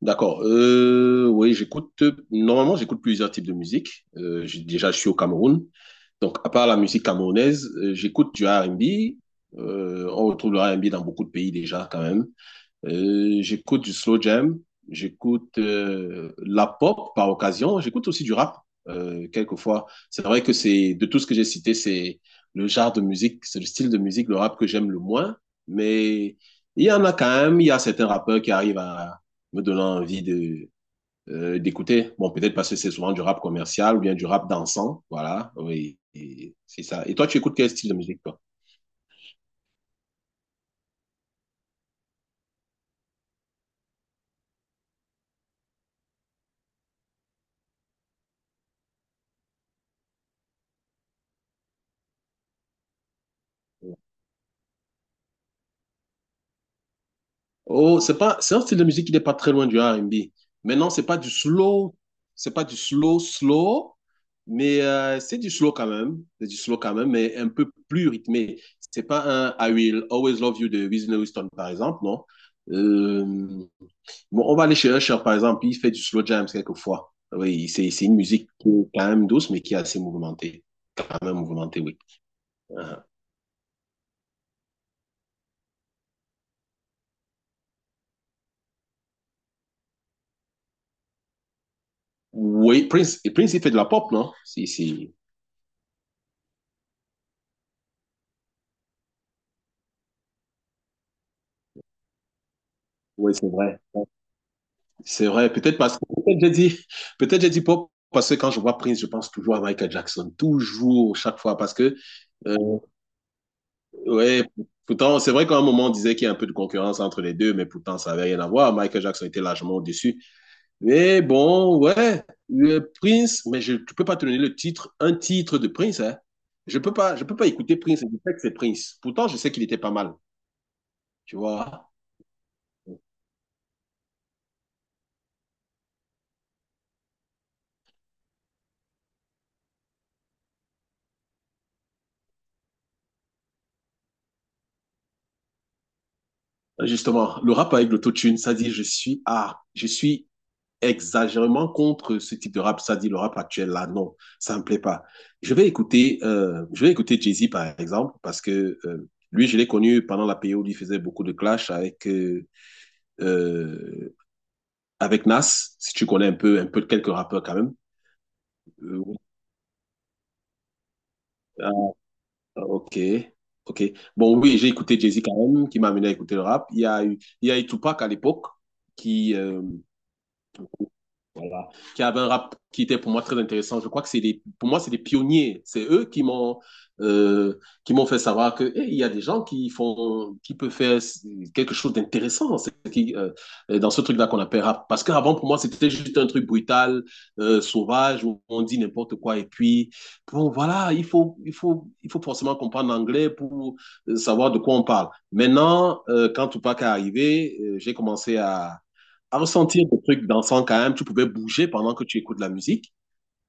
D'accord. Oui, j'écoute. Normalement, j'écoute plusieurs types de musique. Déjà, je suis au Cameroun. Donc, à part la musique camerounaise, j'écoute du R&B. On retrouve le R&B dans beaucoup de pays déjà, quand même. J'écoute du slow jam, j'écoute la pop par occasion, j'écoute aussi du rap quelquefois. C'est vrai que c'est de tout ce que j'ai cité, c'est le genre de musique, c'est le style de musique, le rap que j'aime le moins. Mais il y en a quand même, il y a certains rappeurs qui arrivent à me donner envie de d'écouter. Bon, peut-être parce que c'est souvent du rap commercial ou bien du rap dansant, voilà. Oui, et c'est ça. Et toi, tu écoutes quel style de musique, toi? Oh, c'est pas, c'est un style de musique qui n'est pas très loin du R&B. Maintenant, c'est pas du slow, slow, mais c'est du slow quand même, c'est du slow quand même, mais un peu plus rythmé. C'est pas un I Will Always Love You de Whitney Houston, par exemple, non? Euh, bon, on va aller chez Usher, par exemple, il fait du slow jams quelquefois. Oui, c'est une musique qui est quand même douce, mais qui est assez mouvementée, quand même mouvementée, oui. Aha. Oui, Prince, et Prince, il fait de la pop, non? Si, si. Oui, c'est vrai. C'est vrai. Peut-être parce que peut-être j'ai dit pop parce que quand je vois Prince, je pense toujours à Michael Jackson, toujours, chaque fois, parce que euh, ouais. Pourtant, c'est vrai qu'à un moment on disait qu'il y a un peu de concurrence entre les deux, mais pourtant ça avait rien à voir. Michael Jackson était largement au-dessus. Mais bon, ouais, le Prince, mais je ne peux pas te donner le titre, un titre de Prince, hein. Je peux pas écouter Prince, je sais que c'est Prince. Pourtant, je sais qu'il était pas mal, tu vois. Justement, le rap avec l'autotune, ça dit, je suis exagérément contre ce type de rap, ça dit le rap actuel, là, non, ça me plaît pas. Je vais écouter Jay-Z, par exemple, parce que lui, je l'ai connu pendant la période où il faisait beaucoup de clash avec euh, avec Nas, si tu connais un peu quelques rappeurs quand même. Oui. Ah, ok, ok. Bon, oui, j'ai écouté Jay-Z quand même, qui m'a amené à écouter le rap. Il y a eu Tupac à l'époque, qui, euh, voilà. Qui avait un rap qui était pour moi très intéressant. Je crois que pour moi, c'est des pionniers. C'est eux qui qui m'ont fait savoir que, eh, il y a des gens qui font, qui peuvent faire quelque chose d'intéressant. C'est qui, dans ce truc-là qu'on appelle rap. Parce qu'avant, pour moi, c'était juste un truc brutal, sauvage, où on dit n'importe quoi. Et puis, bon, voilà, il faut forcément comprendre l'anglais pour savoir de quoi on parle. Maintenant, quand Tupac est arrivé, j'ai commencé à ressentir des trucs dansants quand même, tu pouvais bouger pendant que tu écoutes la musique.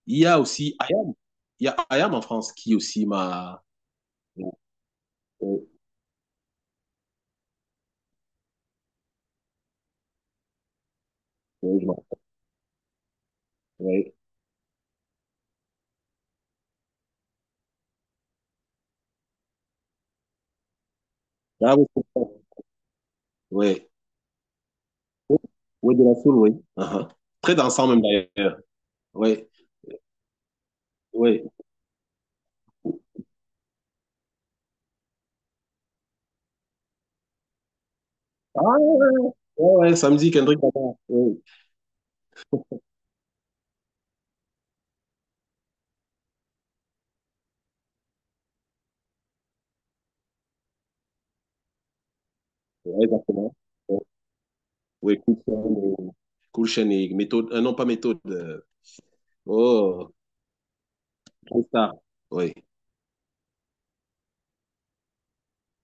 Il y a aussi IAM. Il y a IAM en France qui aussi m'a. Oui, oui. Oui. Ah oui, c'est ça. Oui. Oui, de la soul, oui. Uh-huh. Très dansant même d'ailleurs. Oui, oui. Ah, ouais, ouais, ouais, ouais, samedi, Kendrick Lamar. Oui, ouais, exactement. Oui, oui, Cool Chain et méthode, non pas méthode. Oh, Joey Star. Oui.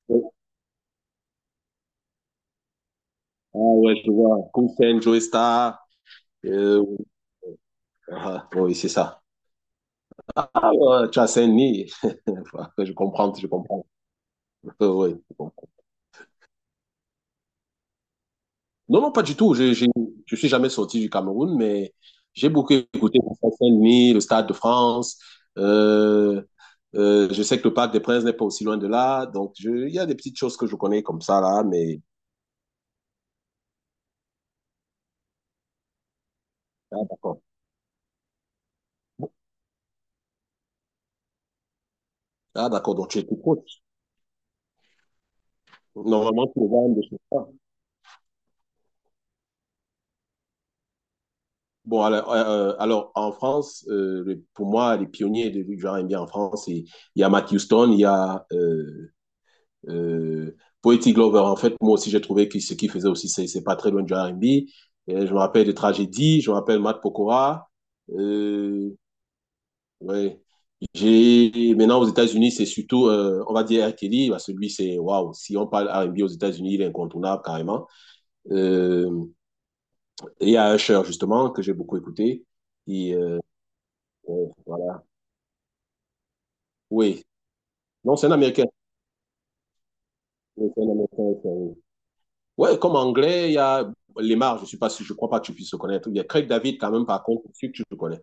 Oui. Ah ouais, je vois. Cool Chain, Joey Star. Oui. Ah, oui, c'est ça. Ah, ouais, tu as Saint-Denis. Je comprends, je comprends. Ouais, je comprends. Non, non, pas du tout. Je suis jamais sorti du Cameroun, mais j'ai beaucoup écouté le Stade Saint-Denis, le Stade de France. Euh, je sais que le Parc des Princes n'est pas aussi loin de là. Donc, il y a des petites choses que je connais comme ça, là, mais. Ah, d'accord. Ah, d'accord. Donc, tu es tout proche. Normalement, tu es loin de chez toi. Bon, alors, en France, pour moi, les pionniers du genre NBA en France, il y a Matt Houston, il y a euh, Poetic Glover. En fait, moi aussi, j'ai trouvé que ce qu'il faisait aussi, c'est pas très loin du R&B. Et je me rappelle de Tragédie, je me rappelle Matt Pokora. Euh, ouais. Maintenant, aux États-Unis, c'est surtout, on va dire R. Kelly, parce que lui, c'est, waouh, si on parle R&B aux États-Unis, il est incontournable carrément. Euh, et il y a Usher, justement, que j'ai beaucoup écouté. Et, ouais, voilà. Oui. Non, c'est un Américain. Oui, c'est un Américain, oui, oui. Ouais, comme anglais, il y a Lemar, je ne suis pas sûr, je crois pas que tu puisses le connaître. Il y a Craig David quand même, par contre, je suis sûr que tu le connais.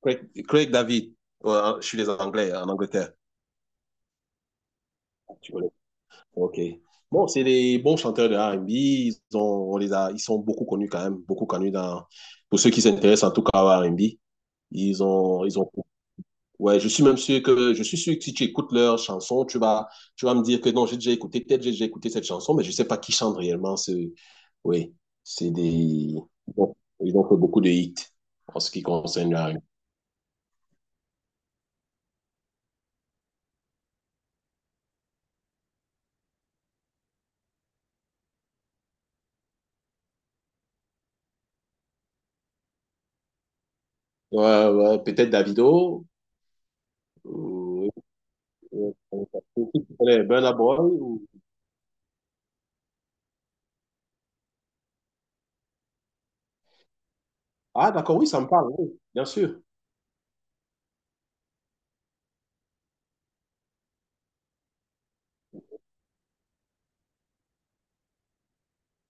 Craig David, je suis les Anglais, en Angleterre. Tu connais. Ok. Bon, c'est des bons chanteurs de R&B. On les a, ils sont beaucoup connus quand même, beaucoup connus dans, pour ceux qui s'intéressent en tout cas à R&B. Ils ont. Ouais, je suis même sûr que si tu écoutes leur chanson, tu vas me dire que non, j'ai déjà écouté, peut-être j'ai déjà écouté cette chanson, mais je sais pas qui chante réellement ce. Oui, c'est des. Bon, ils ont fait beaucoup de hits en ce qui concerne la rue. Ouais, ouais, peut-être Davido. ou- Tu connais Burna Boy Ah, d'accord, oui, ça me parle, oui, bien sûr.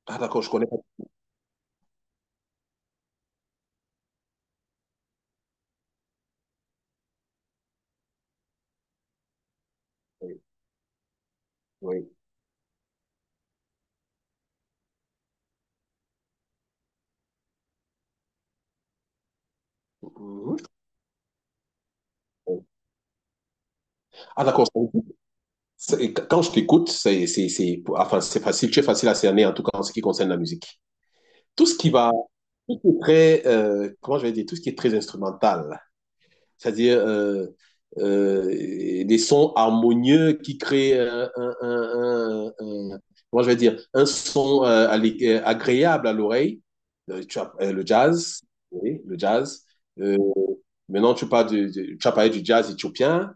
Ah, d'accord, je connais pas. Oui. Oui. Mhm. Ah, d'accord. Quand je t'écoute, enfin, c'est facile, tu es facile à cerner en tout cas en ce qui concerne la musique. Tout ce qui va, tout ce qui est très, comment je vais dire, tout ce qui est très instrumental, c'est-à-dire euh, des sons harmonieux qui créent comment je vais dire, un son agréable à l'oreille. Le jazz, oui, le jazz. Euh, maintenant, tu parles tu as parlé du jazz éthiopien.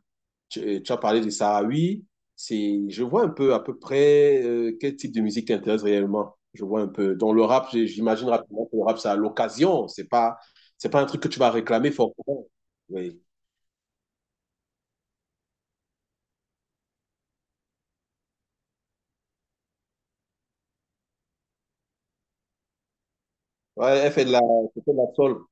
Tu as parlé de Sahraoui. C'est, je vois un peu à peu près quel type de musique t'intéresse réellement. Je vois un peu. Dans le rap, j'imagine rapidement que le rap, c'est à l'occasion. C'est pas un truc que tu vas réclamer forcément. Oui. Ouais, elle fait de la soul.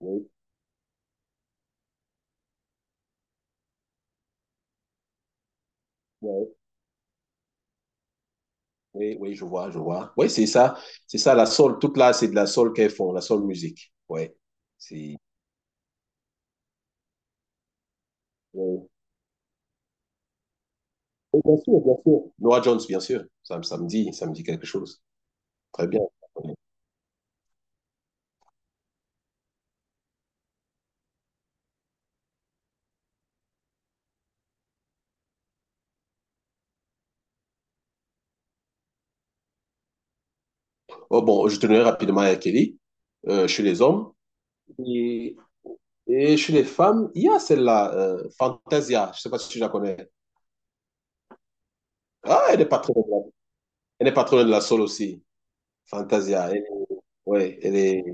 Oui, oui, oui, oui, je vois, je vois. Oui, c'est ça. C'est ça, la soul. Toute là, c'est de la soul qu'elles font, la soul musique. Oui. C'est. Oui, oui, bien sûr, bien sûr. Nora Jones, bien sûr. Ça me dit, quelque chose. Très bien. Oh, bon, je tenais rapidement à R. Kelly, chez les hommes. Et, et chez les femmes, il y a celle-là, Fantasia. Je sais pas si tu la connais. Ah, elle n'est pas très loin. Elle n'est pas très loin de la Soul aussi. Fantasia. Elle, ouais, elle est,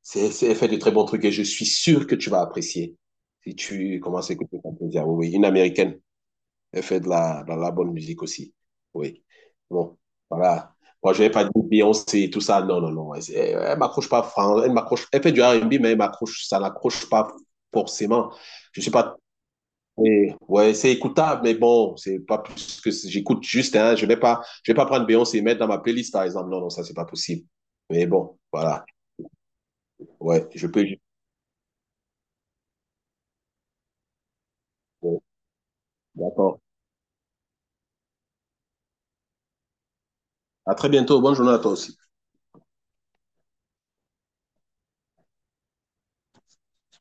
elle fait de très bons trucs et je suis sûr que tu vas apprécier si tu commences à écouter Fantasia. Oui, oui, une américaine. Elle fait de la bonne musique aussi. Oui. Bon, voilà. Moi, je vais pas dire Beyoncé, tout ça. Non, non, non. Elle, elle m'accroche pas. Elle m'accroche. Elle fait du R&B, mais elle m'accroche. Ça n'accroche pas forcément. Je suis pas. Ouais, c'est écoutable, mais bon, c'est pas plus que j'écoute juste. Hein, je vais pas. Je vais pas prendre Beyoncé et mettre dans ma playlist, par exemple. Non, non, ça c'est pas possible. Mais bon, voilà. Ouais, je peux. Bon, d'accord. À très bientôt. Bonne journée à toi aussi.